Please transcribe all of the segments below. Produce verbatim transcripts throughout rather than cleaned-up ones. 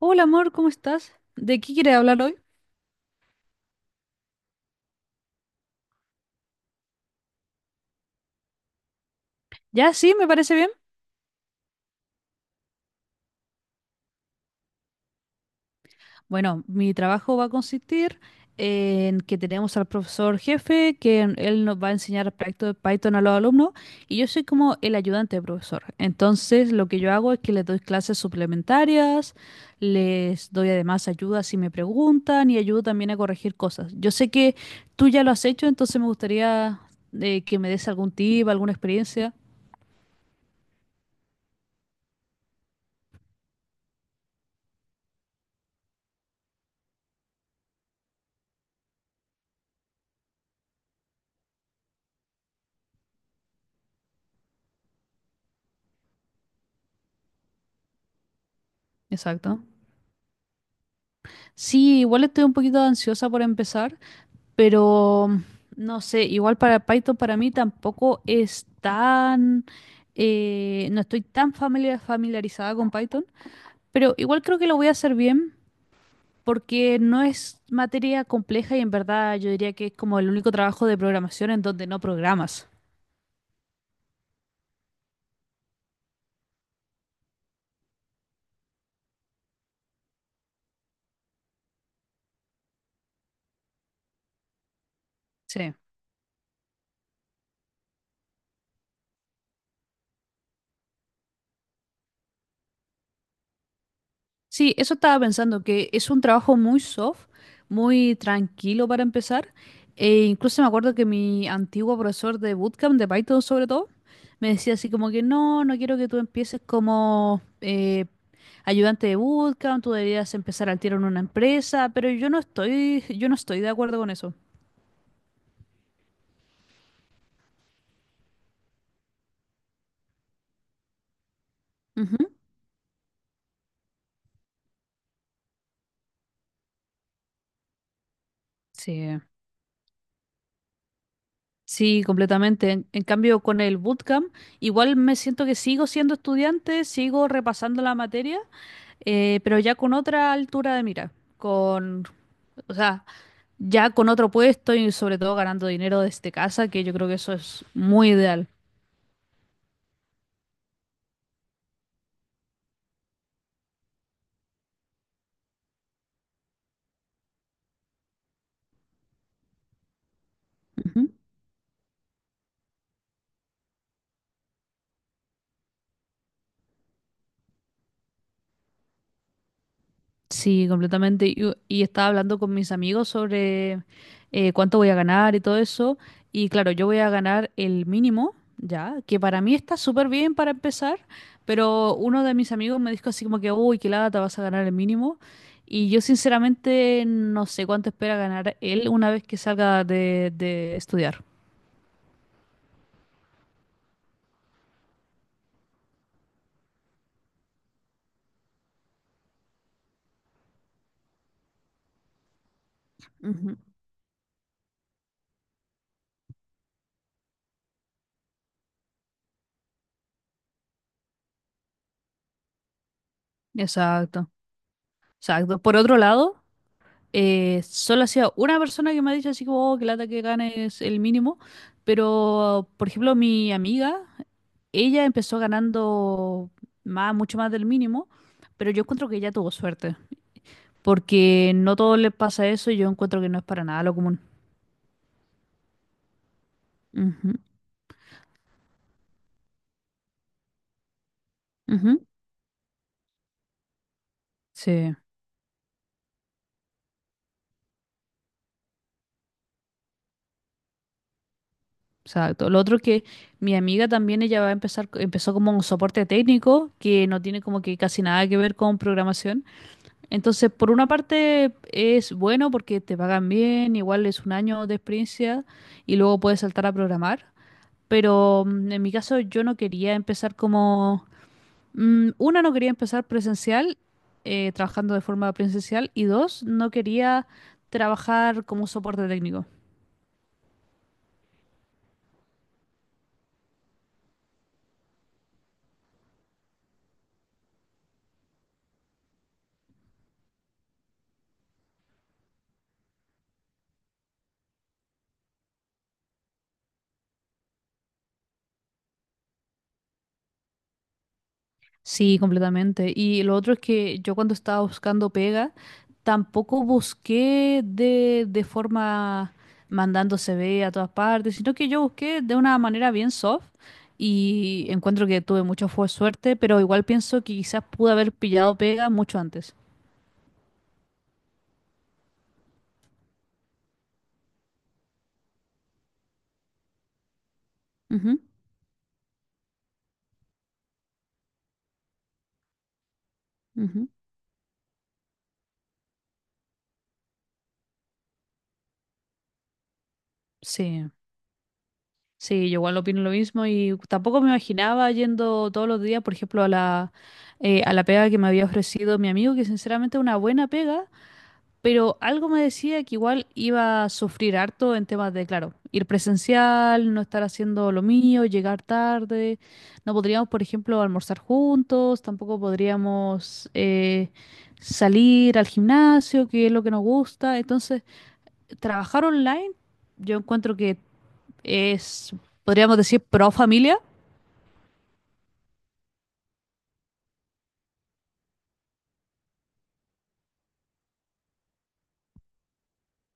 Hola amor, ¿cómo estás? ¿De qué quieres hablar hoy? Ya, sí, me parece bien. Bueno, mi trabajo va a consistir en que tenemos al profesor jefe, que en- él nos va a enseñar el proyecto de Python a los alumnos, y yo soy como el ayudante de profesor. Entonces, lo que yo hago es que les doy clases suplementarias, les doy además ayuda si me preguntan y ayudo también a corregir cosas. Yo sé que tú ya lo has hecho, entonces me gustaría eh, que me des algún tip, alguna experiencia. Exacto. Sí, igual estoy un poquito ansiosa por empezar, pero mm, no sé, igual para Python para mí tampoco es tan, eh, no estoy tan familia- familiarizada con Python, pero igual creo que lo voy a hacer bien porque no es materia compleja y en verdad yo diría que es como el único trabajo de programación en donde no programas. Sí. Sí, eso estaba pensando, que es un trabajo muy soft, muy tranquilo para empezar. E incluso me acuerdo que mi antiguo profesor de bootcamp, de Python sobre todo, me decía así como que no, no quiero que tú empieces como eh, ayudante de bootcamp, tú deberías empezar al tiro en una empresa, pero yo no estoy, yo no estoy de acuerdo con eso. Ujú. Sí, sí, completamente. En, en cambio, con el bootcamp, igual me siento que sigo siendo estudiante, sigo repasando la materia. Eh, pero ya con otra altura de mira, con, o sea, ya con otro puesto y sobre todo ganando dinero desde casa, que yo creo que eso es muy ideal. Ujú. Sí, completamente. Y, y estaba hablando con mis amigos sobre eh, cuánto voy a ganar y todo eso. Y claro, yo voy a ganar el mínimo, ya, que para mí está súper bien para empezar, pero uno de mis amigos me dijo así como que, uy, qué lata, vas a ganar el mínimo. Y yo sinceramente no sé cuánto espera ganar él una vez que salga de, de estudiar. Ujú. Exacto, exacto. Por otro lado... Eh, solo ha sido una persona que me ha dicho así como "Oh, que lata que gane es el mínimo, pero por ejemplo mi amiga, ella empezó ganando más, mucho más del mínimo, pero yo encuentro que ella tuvo suerte, porque no todos les pasa eso y yo encuentro que no es para nada lo común. Ujú, ujú. Sí, exacto. Lo otro es que mi amiga también ella va a empezar, empezó como un soporte técnico que no tiene como que casi nada que ver con programación. Entonces, por una parte es bueno porque te pagan bien, igual es un año de experiencia y luego puedes saltar a programar. Pero mm, en mi caso yo no quería empezar como... mm, una, no quería empezar presencial, eh, trabajando de forma presencial. Y dos, no quería trabajar como soporte técnico. Sí, completamente. Y lo otro es que yo cuando estaba buscando pega, tampoco busqué de, de forma mandando C V a todas partes, sino que yo busqué de una manera bien soft y encuentro que tuve mucha fu- suerte, pero igual pienso que quizás pude haber pillado pega mucho antes. Ujú, ujú. Sí, sí, yo igual opino lo mismo y tampoco me imaginaba yendo todos los días, por ejemplo, a la, eh, a la pega que me había ofrecido mi amigo, que sinceramente es una buena pega. Pero algo me decía que igual iba a sufrir harto en temas de, claro, ir presencial, no estar haciendo lo mío, llegar tarde. No podríamos, por ejemplo, almorzar juntos, tampoco podríamos eh, salir al gimnasio, que es lo que nos gusta. Entonces, trabajar online, yo encuentro que es, podríamos decir, pro familia.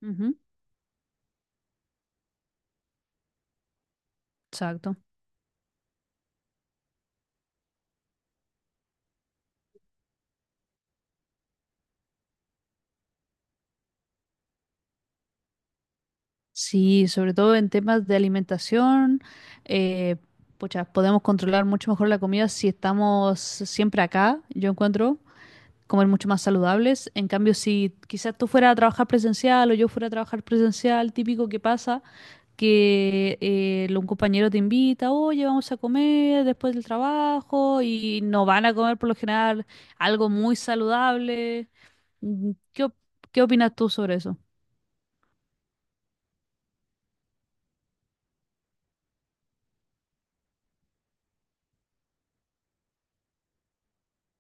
Ujú, exacto. Sí, sobre todo en temas de alimentación, eh, pucha, podemos controlar mucho mejor la comida si estamos siempre acá, yo encuentro, comer mucho más saludables. En cambio, si quizás tú fueras a trabajar presencial o yo fuera a trabajar presencial, típico que pasa, que eh, lo- un compañero te invita, oye, vamos a comer después del trabajo y no van a comer por lo general algo muy saludable. Mm, ¿Qué, op- qué opinas tú sobre eso?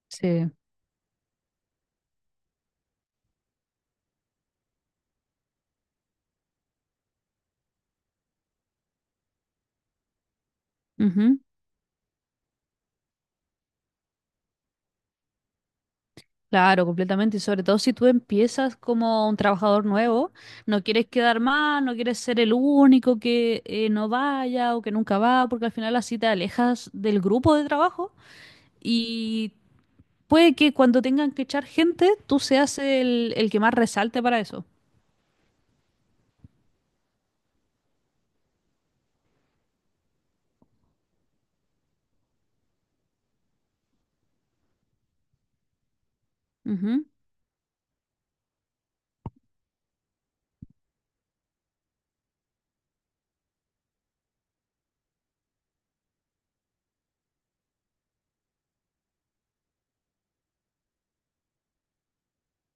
Sí. Ujú. Claro, completamente. Y sobre todo si tú empiezas como un trabajador nuevo, no quieres quedar mal, no quieres ser el único que eh, no vaya o que nunca va, porque al final así te alejas del grupo de trabajo y puede que cuando tengan que echar gente, tú seas el, el que más resalte para eso. Ujú.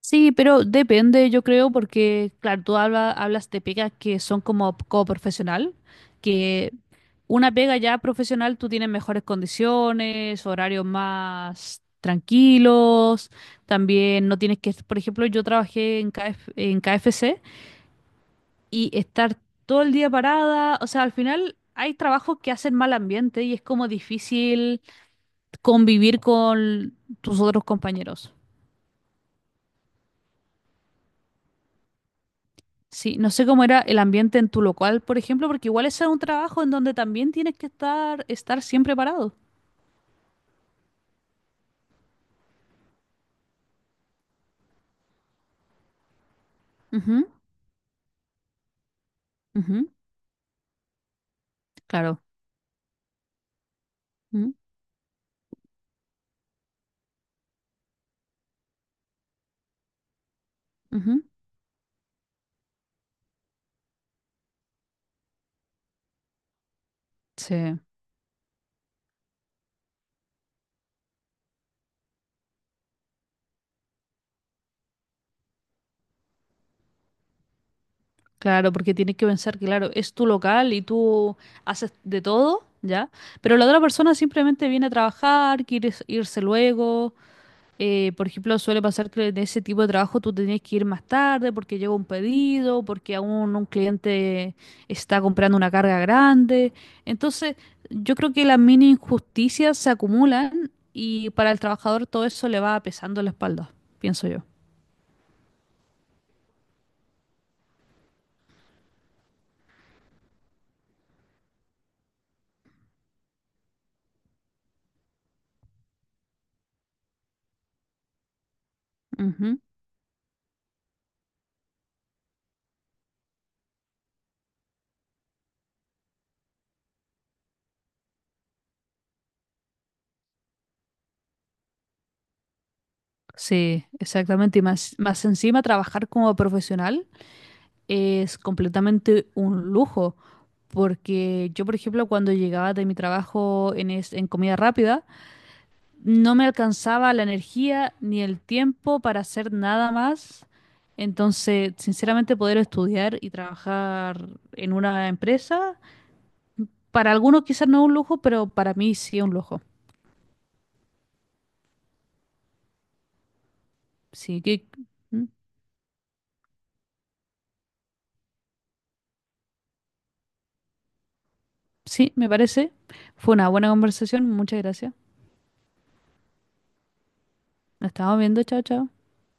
Sí, pero depende, yo creo, porque, claro, tú habla- hablas de pegas que son como coprofesional, que una pega ya profesional, tú tienes mejores condiciones, horarios más tranquilos, también no tienes que, por ejemplo, yo trabajé en K F en K F C y estar todo el día parada, o sea, al final hay trabajos que hacen mal ambiente y es como difícil convivir con tus otros compañeros. Sí, no sé cómo era el ambiente en tu local, por ejemplo, porque igual ese es un trabajo en donde también tienes que estar, estar siempre parado. Ujú, ujú, claro. Ujú, ujú. Sí. Claro, porque tienes que pensar que, claro, es tu local y tú haces de todo, ¿ya? Pero la otra persona simplemente viene a trabajar, quiere s- irse luego. Eh, por ejemplo, suele pasar que en ese tipo de trabajo tú tenías que ir más tarde porque llega un pedido, porque aún un cliente está comprando una carga grande. Entonces, yo creo que las mini injusticias se acumulan y para el trabajador todo eso le va pesando la espalda, pienso yo. Sí, exactamente. Y más, más encima, trabajar como profesional es completamente un lujo. Porque yo, por ejemplo, cuando llegaba de mi trabajo en, es- en comida rápida, no me alcanzaba la energía ni el tiempo para hacer nada más. Entonces, sinceramente, poder estudiar y trabajar en una empresa, para algunos quizás no es un lujo, pero para mí sí es un lujo. Sí, que, mm, sí, me parece. Fue una buena conversación. Muchas gracias. Nos estamos viendo, chao, chao.